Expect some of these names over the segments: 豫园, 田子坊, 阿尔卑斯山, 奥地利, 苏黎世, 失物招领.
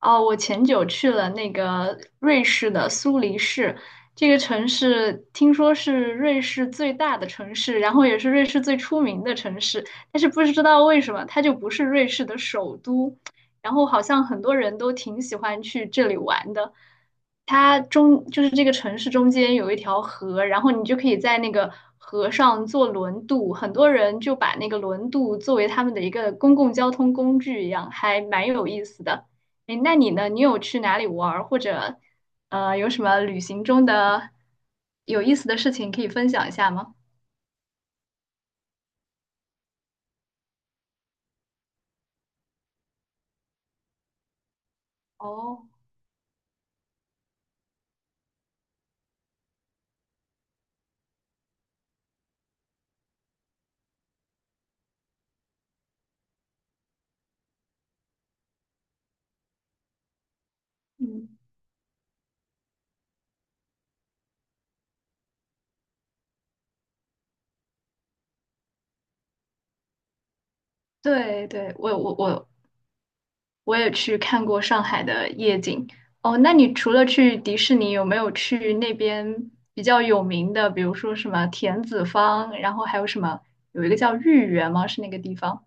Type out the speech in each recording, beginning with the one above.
哦，我前久去了那个瑞士的苏黎世，这个城市听说是瑞士最大的城市，然后也是瑞士最出名的城市，但是不知道为什么它就不是瑞士的首都，然后好像很多人都挺喜欢去这里玩的。它中就是这个城市中间有一条河，然后你就可以在那个河上坐轮渡，很多人就把那个轮渡作为他们的一个公共交通工具一样，还蛮有意思的。哎，那你呢？你有去哪里玩儿，或者有什么旅行中的有意思的事情可以分享一下吗？哦，嗯，对对，我我也去看过上海的夜景。哦，那你除了去迪士尼，有没有去那边比较有名的，比如说什么田子坊，然后还有什么有一个叫豫园吗？是那个地方。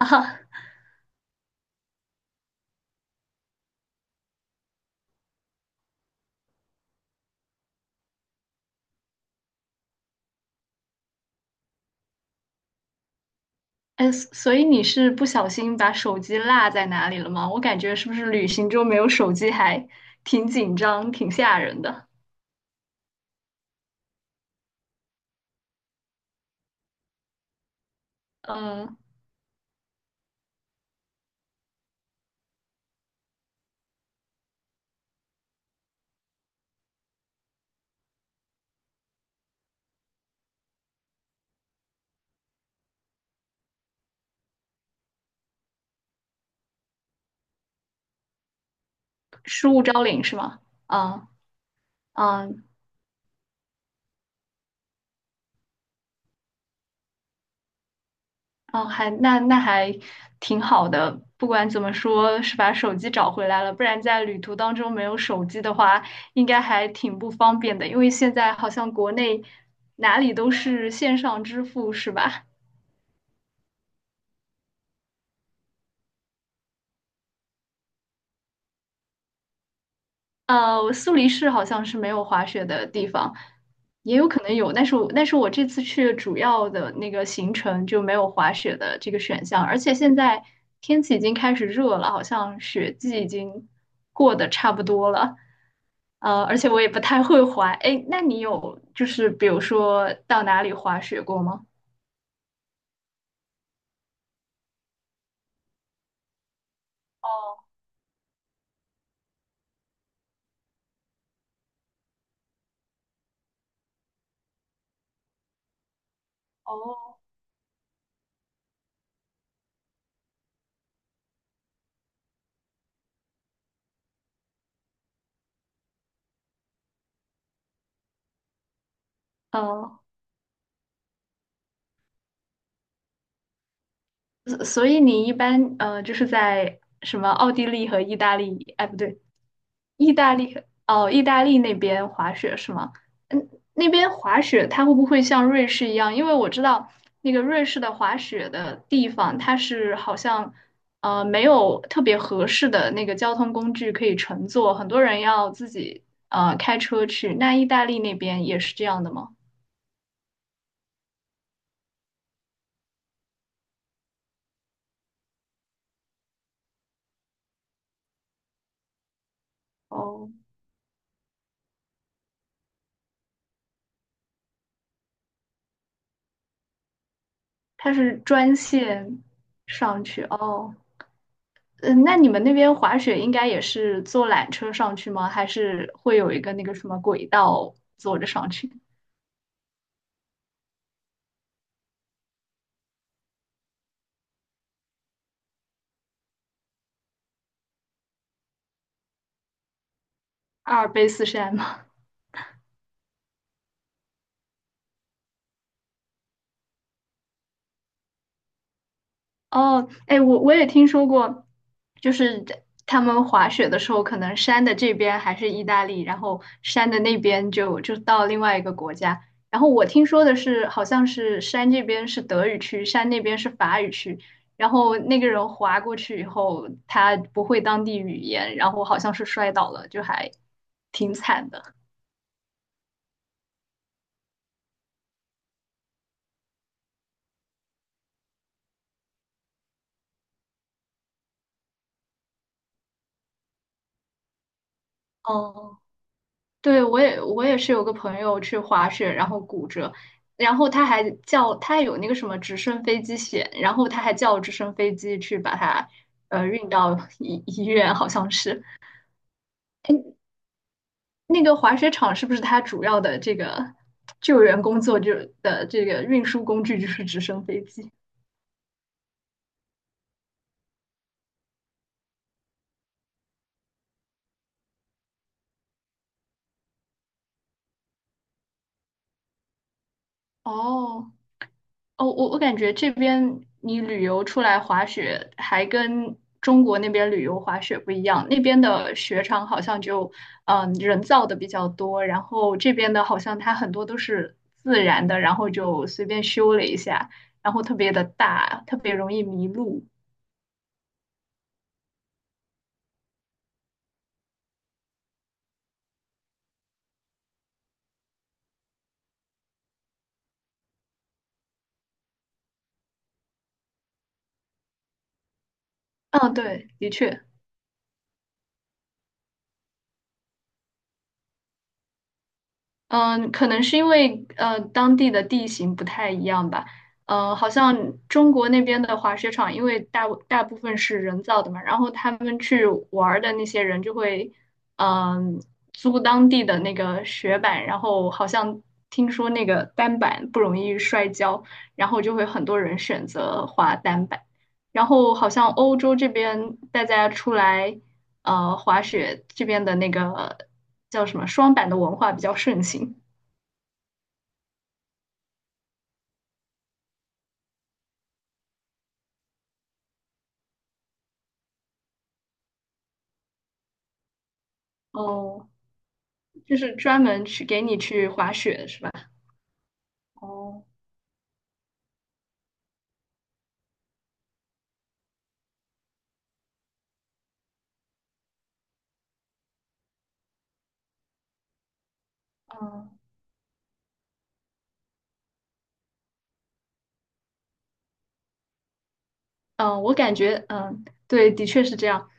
啊？哎，所以你是不小心把手机落在哪里了吗？我感觉是不是旅行中没有手机还挺紧张、挺吓人的。嗯，失物招领是吗？啊啊啊！还那还挺好的。不管怎么说，是把手机找回来了，不然在旅途当中没有手机的话，应该还挺不方便的。因为现在好像国内哪里都是线上支付，是吧？苏黎世好像是没有滑雪的地方，也有可能有，但是我这次去主要的那个行程就没有滑雪的这个选项，而且现在天气已经开始热了，好像雪季已经过得差不多了。而且我也不太会滑。哎，那你有就是比如说到哪里滑雪过吗？哦，呃，所以你一般就是在什么奥地利和意大利，哎不对，意大利。哦，意大利那边滑雪是吗？嗯，那边滑雪它会不会像瑞士一样？因为我知道那个瑞士的滑雪的地方，它是好像没有特别合适的那个交通工具可以乘坐，很多人要自己开车去。那意大利那边也是这样的吗？哦，它是专线上去哦。嗯，那你们那边滑雪应该也是坐缆车上去吗？还是会有一个那个什么轨道坐着上去？阿尔卑斯山吗？哦，哎，我也听说过，就是他们滑雪的时候，可能山的这边还是意大利，然后山的那边就就到另外一个国家。然后我听说的是，好像是山这边是德语区，山那边是法语区。然后那个人滑过去以后，他不会当地语言，然后好像是摔倒了，就还挺惨的。哦，对，我也是有个朋友去滑雪，然后骨折，然后他还有那个什么直升飞机险，然后他还叫直升飞机去把他运到医院。好像是那个滑雪场是不是他主要的这个救援工作就的这个运输工具就是直升飞机？哦，哦，我我感觉这边你旅游出来滑雪，还跟中国那边旅游滑雪不一样。那边的雪场好像就，人造的比较多，然后这边的好像它很多都是自然的，然后就随便修了一下，然后特别的大，特别容易迷路。嗯，对，的确。嗯，可能是因为当地的地形不太一样吧。好像中国那边的滑雪场，因为大部分是人造的嘛，然后他们去玩儿的那些人就会，嗯、租当地的那个雪板，然后好像听说那个单板不容易摔跤，然后就会很多人选择滑单板。然后好像欧洲这边大家出来。滑雪这边的那个叫什么双板的文化比较盛行。哦，就是专门去给你去滑雪是吧？哦，嗯嗯，我感觉嗯，对，的确是这样。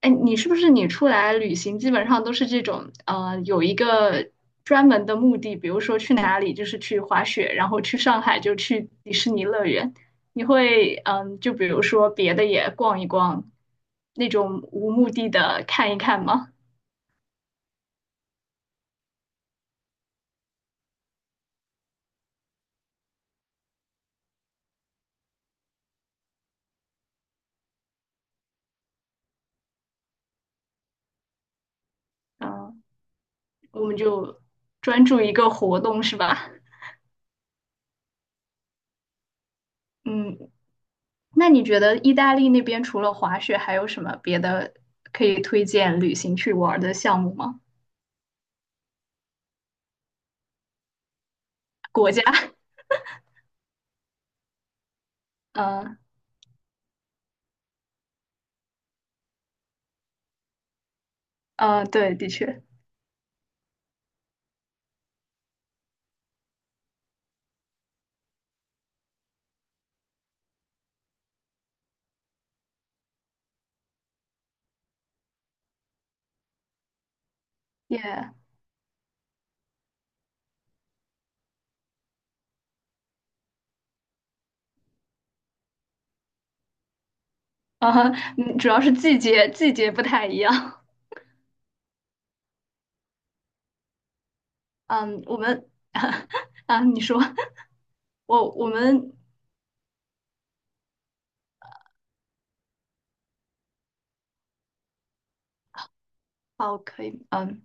哎，你是不是你出来旅行基本上都是这种有一个专门的目的，比如说去哪里就是去滑雪，然后去上海就去迪士尼乐园。你会嗯，就比如说别的也逛一逛，那种无目的的看一看吗？嗯，我们就专注一个活动是吧？嗯，那你觉得意大利那边除了滑雪，还有什么别的可以推荐旅行去玩的项目吗？国家？嗯。 嗯，对，的确。 y。 嗯嗯，主要是季节不太一样。嗯，我们 啊，你说 我我们哦，可以，嗯。